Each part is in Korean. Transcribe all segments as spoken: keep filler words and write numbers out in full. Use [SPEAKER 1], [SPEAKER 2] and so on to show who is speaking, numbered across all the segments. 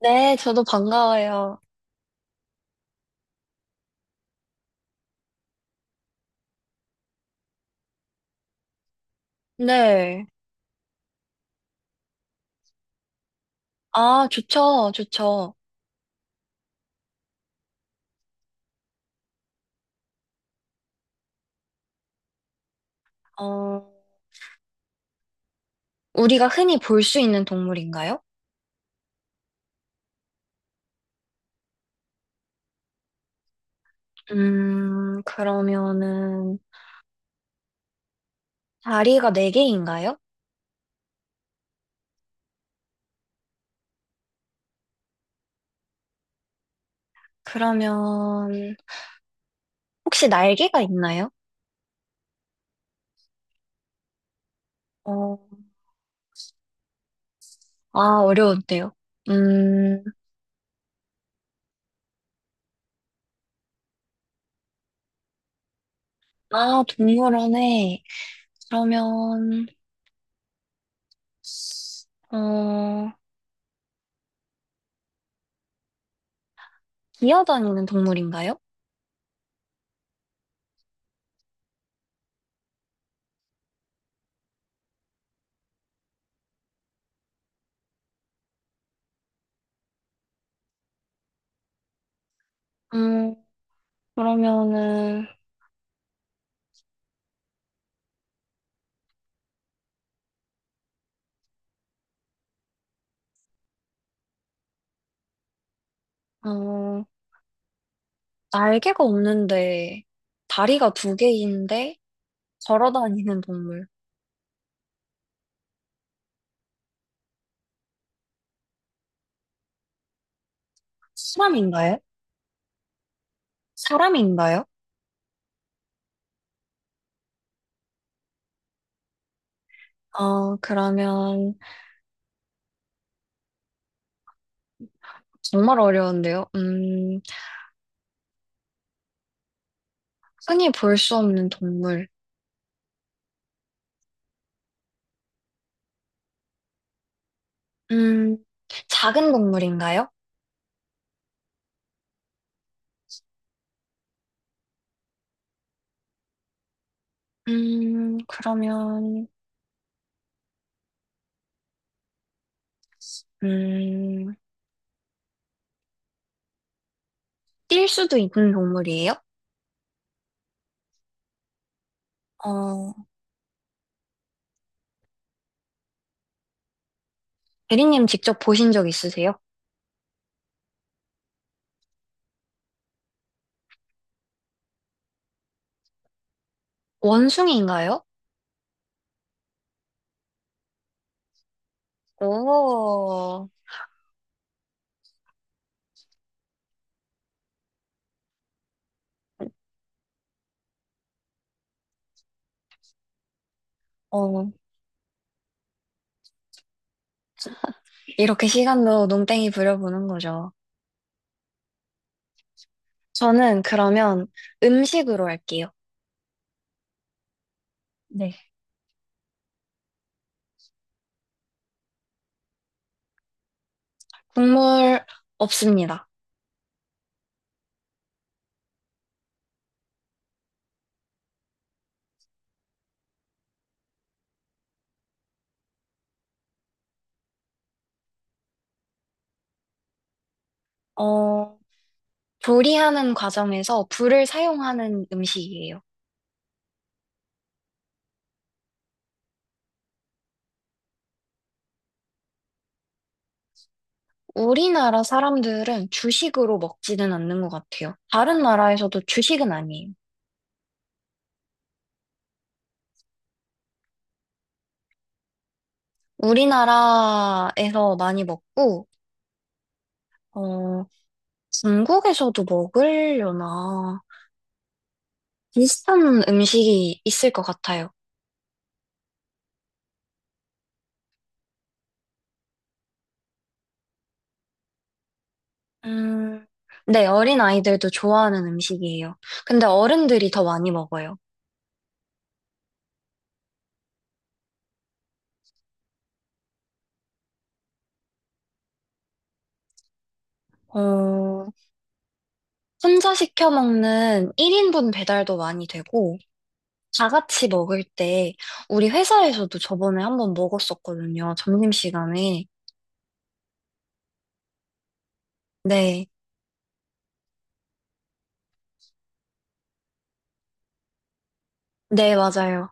[SPEAKER 1] 네, 저도 반가워요. 네. 아, 좋죠, 좋죠. 어, 우리가 흔히 볼 수 있는 동물인가요? 음, 그러면은, 다리가 네개인가요? 그러면, 혹시 날개가 있나요? 어, 아, 어려운데요. 음, 아, 동물원에, 그러면, 어, 기어다니는 동물인가요? 음, 그러면은, 어, 날개가 없는데 다리가 두 개인데 걸어 다니는 동물. 사람인가요? 사람인가요? 어, 그러면 정말 어려운데요. 음, 흔히 볼 수 없는 동물. 음, 작은 동물인가요? 음, 그러면 음, 뛸 수도 있는 동물이에요? 어, 대리님 직접 보신 적 있으세요? 원숭이인가요? 오, 어, 이렇게 시간도 농땡이 부려보는 거죠. 저는 그러면 음식으로 할게요. 네. 국물 없습니다. 어, 조리하는 과정에서 불을 사용하는 음식이에요. 우리나라 사람들은 주식으로 먹지는 않는 것 같아요. 다른 나라에서도 주식은 아니에요. 우리나라에서 많이 먹고, 어, 중국에서도 먹으려나. 비슷한 음식이 있을 것 같아요. 음, 네, 어린 아이들도 좋아하는 음식이에요. 근데 어른들이 더 많이 먹어요. 어, 혼자 시켜 먹는 일 인분 배달도 많이 되고, 다 같이 먹을 때, 우리 회사에서도 저번에 한번 먹었었거든요. 점심시간에. 네, 네, 맞아요.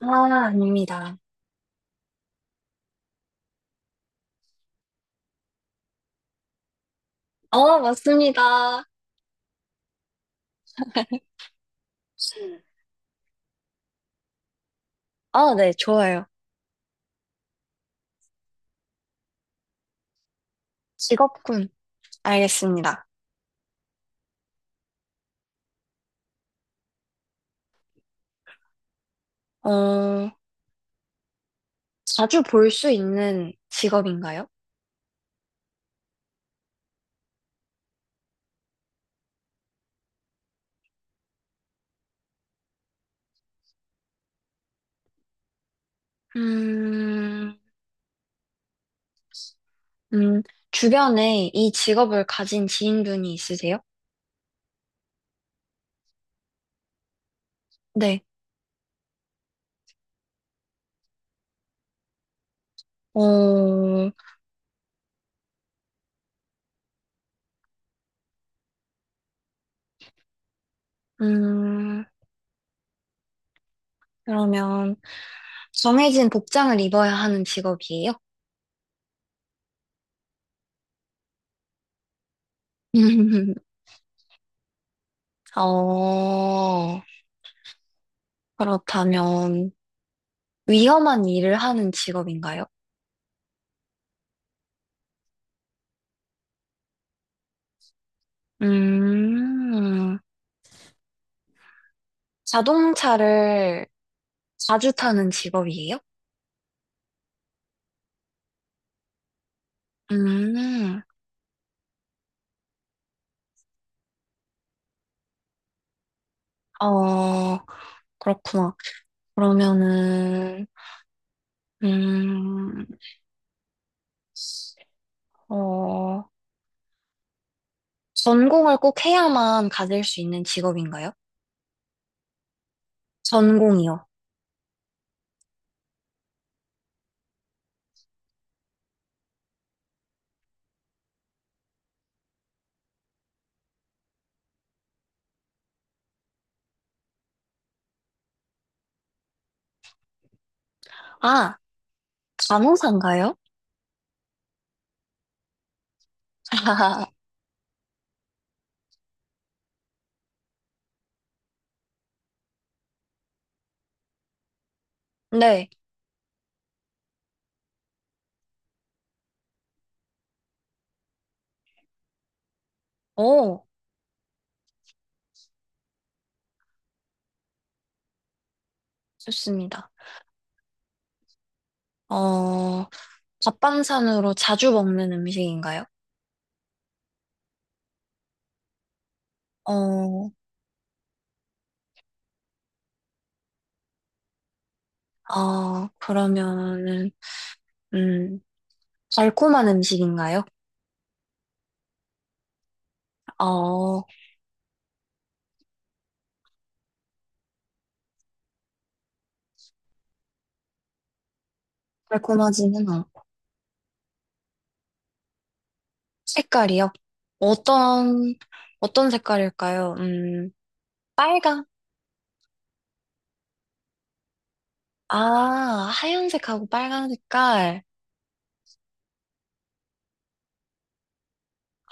[SPEAKER 1] 아, 아닙니다. 어, 맞습니다. 아, 네, 좋아요. 직업군. 알겠습니다. 어, 자주 볼 수 있는 직업인가요? 음, 음, 주변에 이 직업을 가진 지인분이 있으세요? 네. 어, 음, 그러면 정해진 복장을 입어야 하는 직업이에요? 어, 그렇다면 위험한 일을 하는 직업인가요? 음, 자동차를 자주 타는 직업이에요? 음, 어, 그렇구나. 그러면은, 음, 어, 전공을 꼭 해야만 가질 수 있는 직업인가요? 전공이요. 아, 간호사인가요? 네. 오, 좋습니다. 어, 밥반찬으로 자주 먹는 음식인가요? 어, 아, 그러면은, 음, 달콤한 음식인가요? 어, 달콤하지는 않고. 색깔이요? 어떤, 어떤 색깔일까요? 음, 빨강? 아, 하얀색하고 빨간 색깔.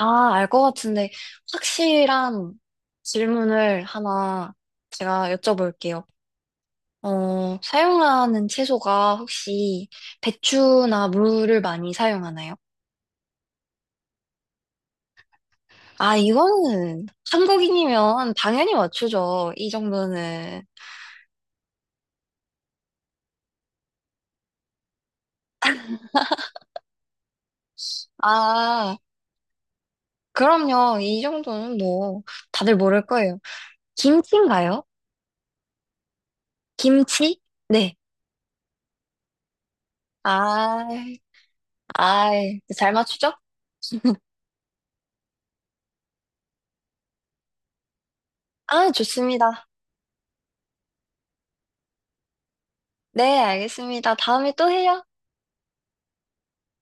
[SPEAKER 1] 아, 알 것 같은데, 확실한 질문을 하나 제가 여쭤볼게요. 어, 사용하는 채소가 혹시 배추나 무를 많이 사용하나요? 아, 이거는 한국인이면 당연히 맞추죠. 이 정도는. 아, 그럼요. 이 정도는 뭐, 다들 모를 거예요. 김치인가요? 김치? 네. 아, 아, 잘 맞추죠? 아, 좋습니다. 네, 알겠습니다. 다음에 또 해요.